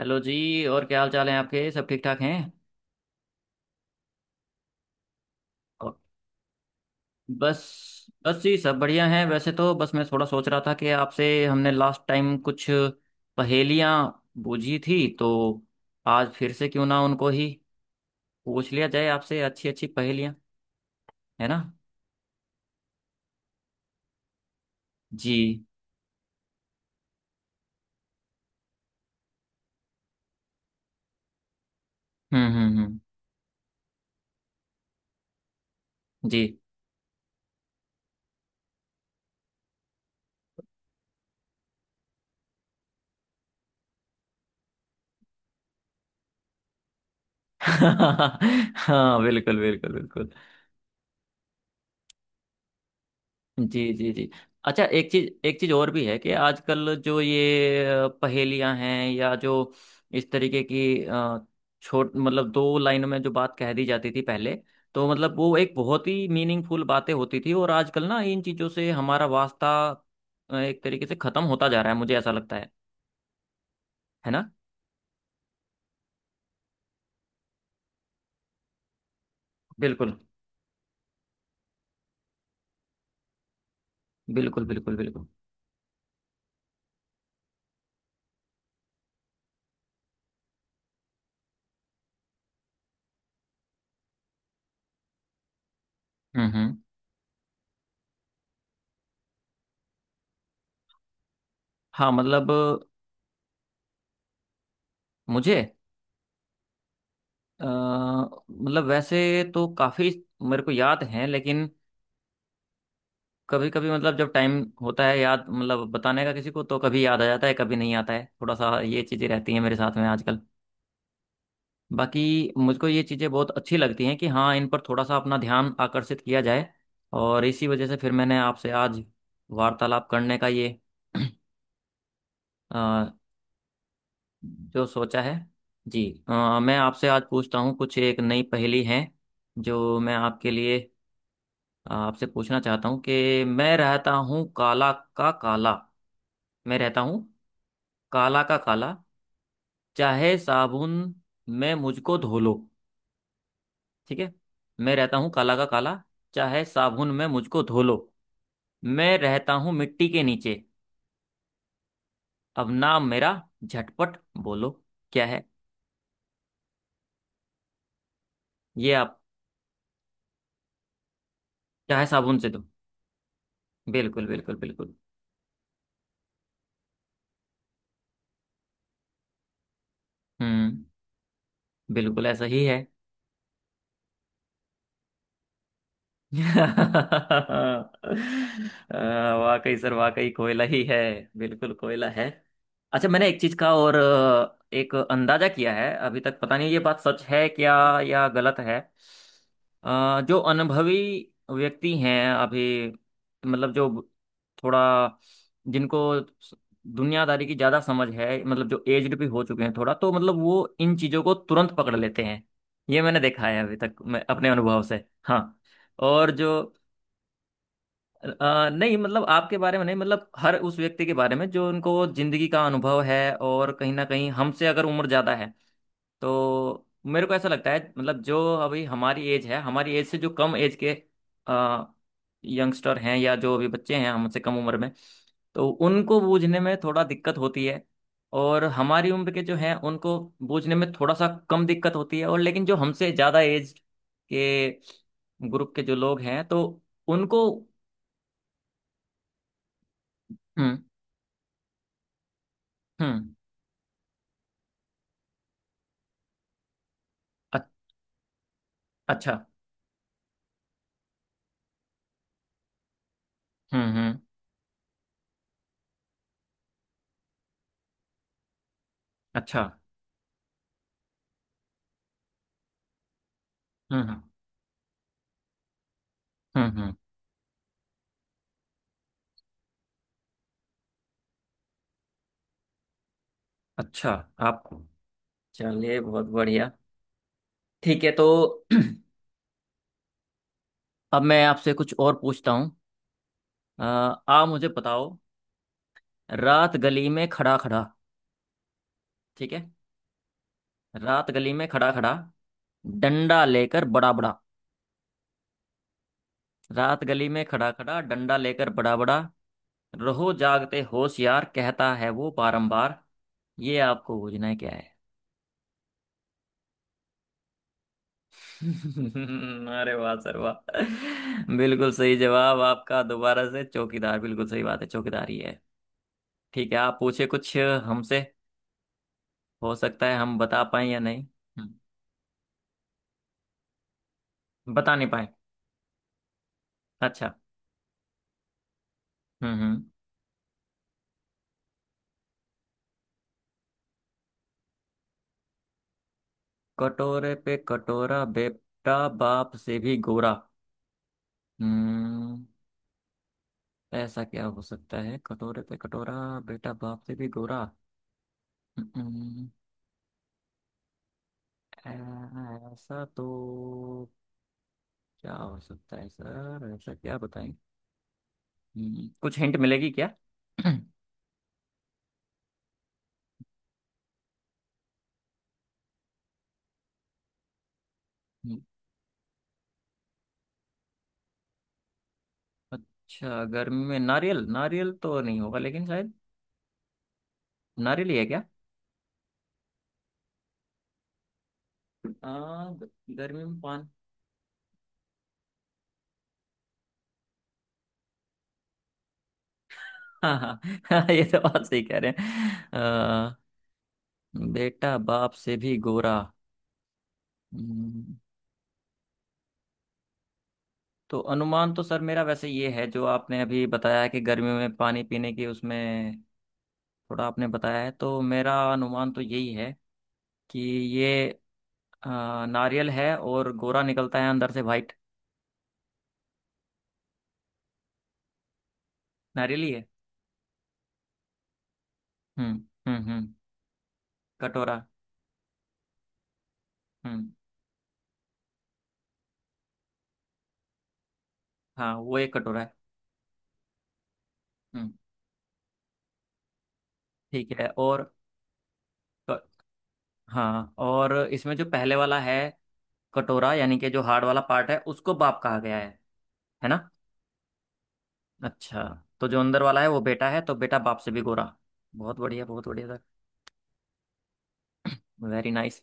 Hello जी, और क्या हाल चाल है आपके? सब ठीक ठाक हैं? और। बस बस जी, सब बढ़िया हैं। वैसे तो बस मैं थोड़ा सोच रहा था कि आपसे हमने लास्ट टाइम कुछ पहेलियां बूझी थी, तो आज फिर से क्यों ना उनको ही पूछ लिया जाए, आपसे अच्छी अच्छी पहेलियां। है ना? जी। हम्म। जी। हाँ, बिल्कुल बिल्कुल बिल्कुल। जी जी जी। अच्छा, एक चीज और भी है कि आजकल जो ये पहेलियां हैं या जो इस तरीके की छोट मतलब दो लाइनों में जो बात कह दी जाती थी पहले, तो मतलब वो एक बहुत ही मीनिंगफुल बातें होती थी। और आजकल ना इन चीजों से हमारा वास्ता एक तरीके से खत्म होता जा रहा है, मुझे ऐसा लगता है। है ना? बिल्कुल बिल्कुल बिल्कुल बिल्कुल। हम्म। हाँ, मतलब मुझे मतलब वैसे तो काफी मेरे को याद है, लेकिन कभी कभी, मतलब जब टाइम होता है याद मतलब बताने का किसी को, तो कभी याद आ जाता है, कभी नहीं आता है। थोड़ा सा ये चीज़ें रहती हैं मेरे साथ में आजकल। बाकी मुझको ये चीज़ें बहुत अच्छी लगती हैं कि हाँ, इन पर थोड़ा सा अपना ध्यान आकर्षित किया जाए। और इसी वजह से फिर मैंने आपसे आज वार्तालाप करने का ये अ, जो सोचा है। जी, मैं आपसे आज पूछता हूँ कुछ, एक नई पहेली है जो मैं आपके लिए, आपसे पूछना चाहता हूँ कि मैं रहता हूँ काला का काला। मैं रहता हूँ काला का काला, चाहे साबुन में मुझको धो लो। ठीक है। मैं रहता हूँ काला का काला, चाहे साबुन में मुझको धो लो। मैं रहता हूँ मिट्टी के नीचे। अब नाम मेरा झटपट बोलो, क्या है? ये आप। चाहे साबुन से दो। बिल्कुल बिल्कुल बिल्कुल। हम्म। बिल्कुल ऐसा ही है। अ, वाकई सर, वाकई कोयला ही है। बिल्कुल कोयला है। अच्छा, मैंने एक चीज का और एक अंदाजा किया है। अभी तक पता नहीं ये बात सच है क्या या गलत है। जो अनुभवी व्यक्ति हैं अभी, मतलब जो थोड़ा, जिनको दुनियादारी की ज्यादा समझ है, मतलब जो एज्ड भी हो चुके हैं थोड़ा, तो मतलब वो इन चीजों को तुरंत पकड़ लेते हैं। ये मैंने देखा है अभी तक मैं अपने अनुभव से। हाँ। और जो नहीं, मतलब आपके बारे में नहीं, मतलब हर उस व्यक्ति के बारे में जो, उनको जिंदगी का अनुभव है और कहीं ना कहीं हमसे अगर उम्र ज्यादा है, तो मेरे को ऐसा लगता है। मतलब जो अभी हमारी एज है, हमारी एज से जो कम एज के यंगस्टर हैं या जो अभी बच्चे हैं हमसे कम उम्र में, तो उनको बूझने में थोड़ा दिक्कत होती है। और हमारी उम्र के जो हैं उनको बूझने में थोड़ा सा कम दिक्कत होती है। और लेकिन जो हमसे ज़्यादा एज के ग्रुप के जो लोग हैं, तो उनको। हम्म हम्म। अ- अच्छा। हम्म। अच्छा। हम्म हम्म हम्म। अच्छा। आपको। चलिए, बहुत बढ़िया। ठीक है, तो अब मैं आपसे कुछ और पूछता हूँ। अ, आप मुझे बताओ, रात गली में खड़ा खड़ा। ठीक है। रात गली में खड़ा खड़ा, डंडा लेकर बड़ा बड़ा। रात गली में खड़ा खड़ा, डंडा लेकर बड़ा बड़ा, रहो जागते होशियार कहता है वो बारंबार। ये आपको बूझना है, क्या है? अरे वाह सर, वाह। बिल्कुल सही जवाब आपका, दोबारा से। चौकीदार बिल्कुल सही बात है, चौकीदार ही है। ठीक है, आप पूछे कुछ हमसे। हो सकता है हम बता पाए या नहीं। हम्म। बता नहीं पाए। अच्छा। हम्म। कटोरे पे कटोरा, बेटा बाप से भी गोरा। हम्म। ऐसा क्या हो सकता है? कटोरे पे कटोरा, बेटा बाप से भी गोरा। हम्म। ऐसा तो क्या हो सकता है? सर, ऐसा क्या बताएं? कुछ हिंट मिलेगी क्या? हम्म। अच्छा, गर्मी में नारियल, नारियल तो नहीं होगा, लेकिन शायद नारियल ही है क्या? आ, गर्मी में पान। हाँ हाँ। ये तो बात सही कह रहे हैं। बेटा बाप से भी गोरा। हम्म। तो अनुमान तो सर मेरा वैसे ये है, जो आपने अभी बताया है कि गर्मियों में पानी पीने की उसमें थोड़ा आपने बताया है, तो मेरा अनुमान तो यही है कि ये अ, नारियल है, और गोरा निकलता है अंदर से वाइट। नारियल ही है। हम्म हम्म। कटोरा। हम्म। हाँ, वो एक कटोरा है। हम्म। ठीक है। और क- हाँ, और इसमें जो पहले वाला है कटोरा, यानी कि जो हार्ड वाला पार्ट है, उसको बाप कहा गया है ना? अच्छा, तो जो अंदर वाला है वो बेटा है, तो बेटा बाप से भी गोरा। बहुत बढ़िया, बहुत बढ़िया सर। Very nice.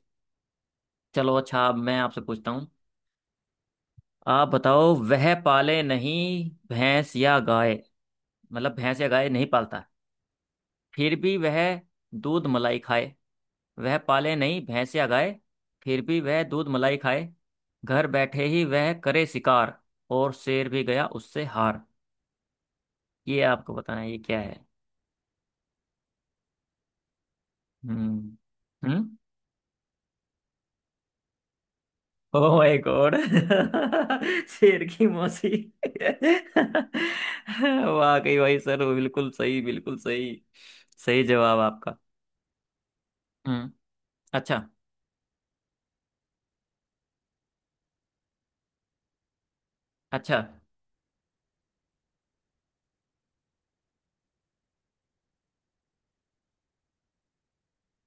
चलो अच्छा, अब मैं आपसे पूछता हूँ। आप बताओ, वह पाले नहीं भैंस या गाय, मतलब भैंस या गाय नहीं पालता, फिर भी वह दूध मलाई खाए। वह पाले नहीं भैंस या गाय, फिर भी वह दूध मलाई खाए, घर बैठे ही वह करे शिकार, और शेर भी गया उससे हार। ये आपको बताना है, ये क्या है? हम्म हम्म। ओ माय गॉड, शेर की मौसी। वाकई भाई सर, वो बिल्कुल सही, बिल्कुल सही। सही जवाब आपका। हम्म। अच्छा। अच्छा।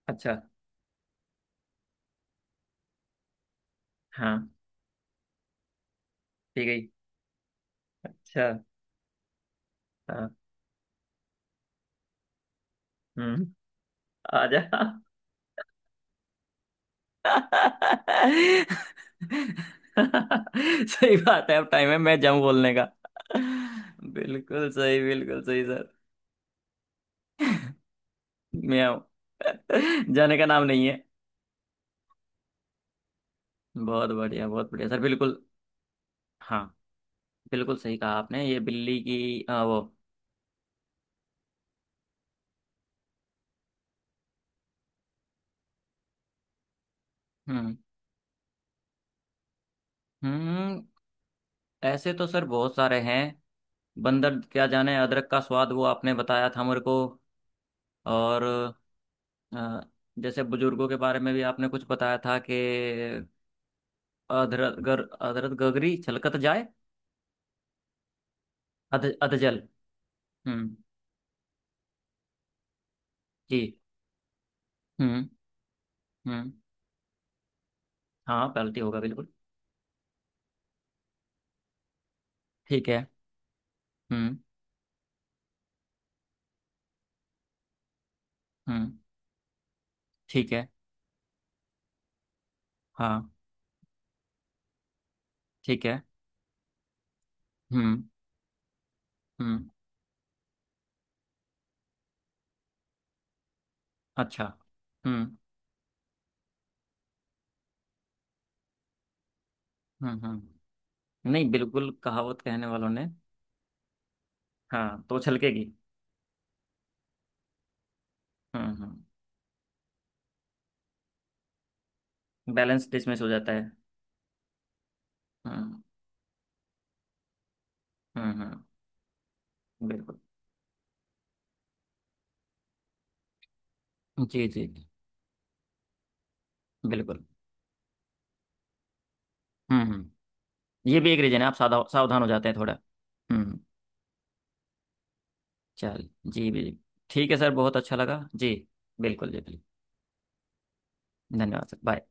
अच्छा। हाँ। ठीक है। अच्छा। हाँ। हम्म। आजा। सही बात है, अब टाइम है मैं जाऊं बोलने का। बिल्कुल सही, बिल्कुल सही सर। मैं आऊं। जाने का नाम नहीं है। बहुत बढ़िया, बहुत बढ़िया सर, बिल्कुल। हाँ, बिल्कुल सही कहा आपने, ये बिल्ली की वो। हम्म हम्म। ऐसे तो सर बहुत सारे हैं। बंदर क्या जाने अदरक का स्वाद, वो आपने बताया था मेरे को। और अ, जैसे बुजुर्गों के बारे में भी आपने कुछ बताया था कि, अदरक गर अदरक गगरी छलकत जाए। अध अधजल। हम्म। जी। हम्म हम्म। हाँ, पेनल्टी होगा बिल्कुल। ठीक है। हम्म हम्म। ठीक है। हाँ, ठीक है। हम्म हम्म। अच्छा। हम्म हम्म। नहीं, बिल्कुल कहावत कहने वालों ने। हाँ, तो छलकेगी। हम्म। बैलेंस डिसमिस हो जाता है। हम्म हम्म। बिल्कुल। जी जी जी। बिल्कुल। हम्म। ये भी एक रीजन है, आप साधा सावधान हो जाते हैं थोड़ा। हम्म। चल जी जी। ठीक है सर, बहुत अच्छा लगा जी। बिल्कुल जी, बिल्कुल। धन्यवाद सर, बाय।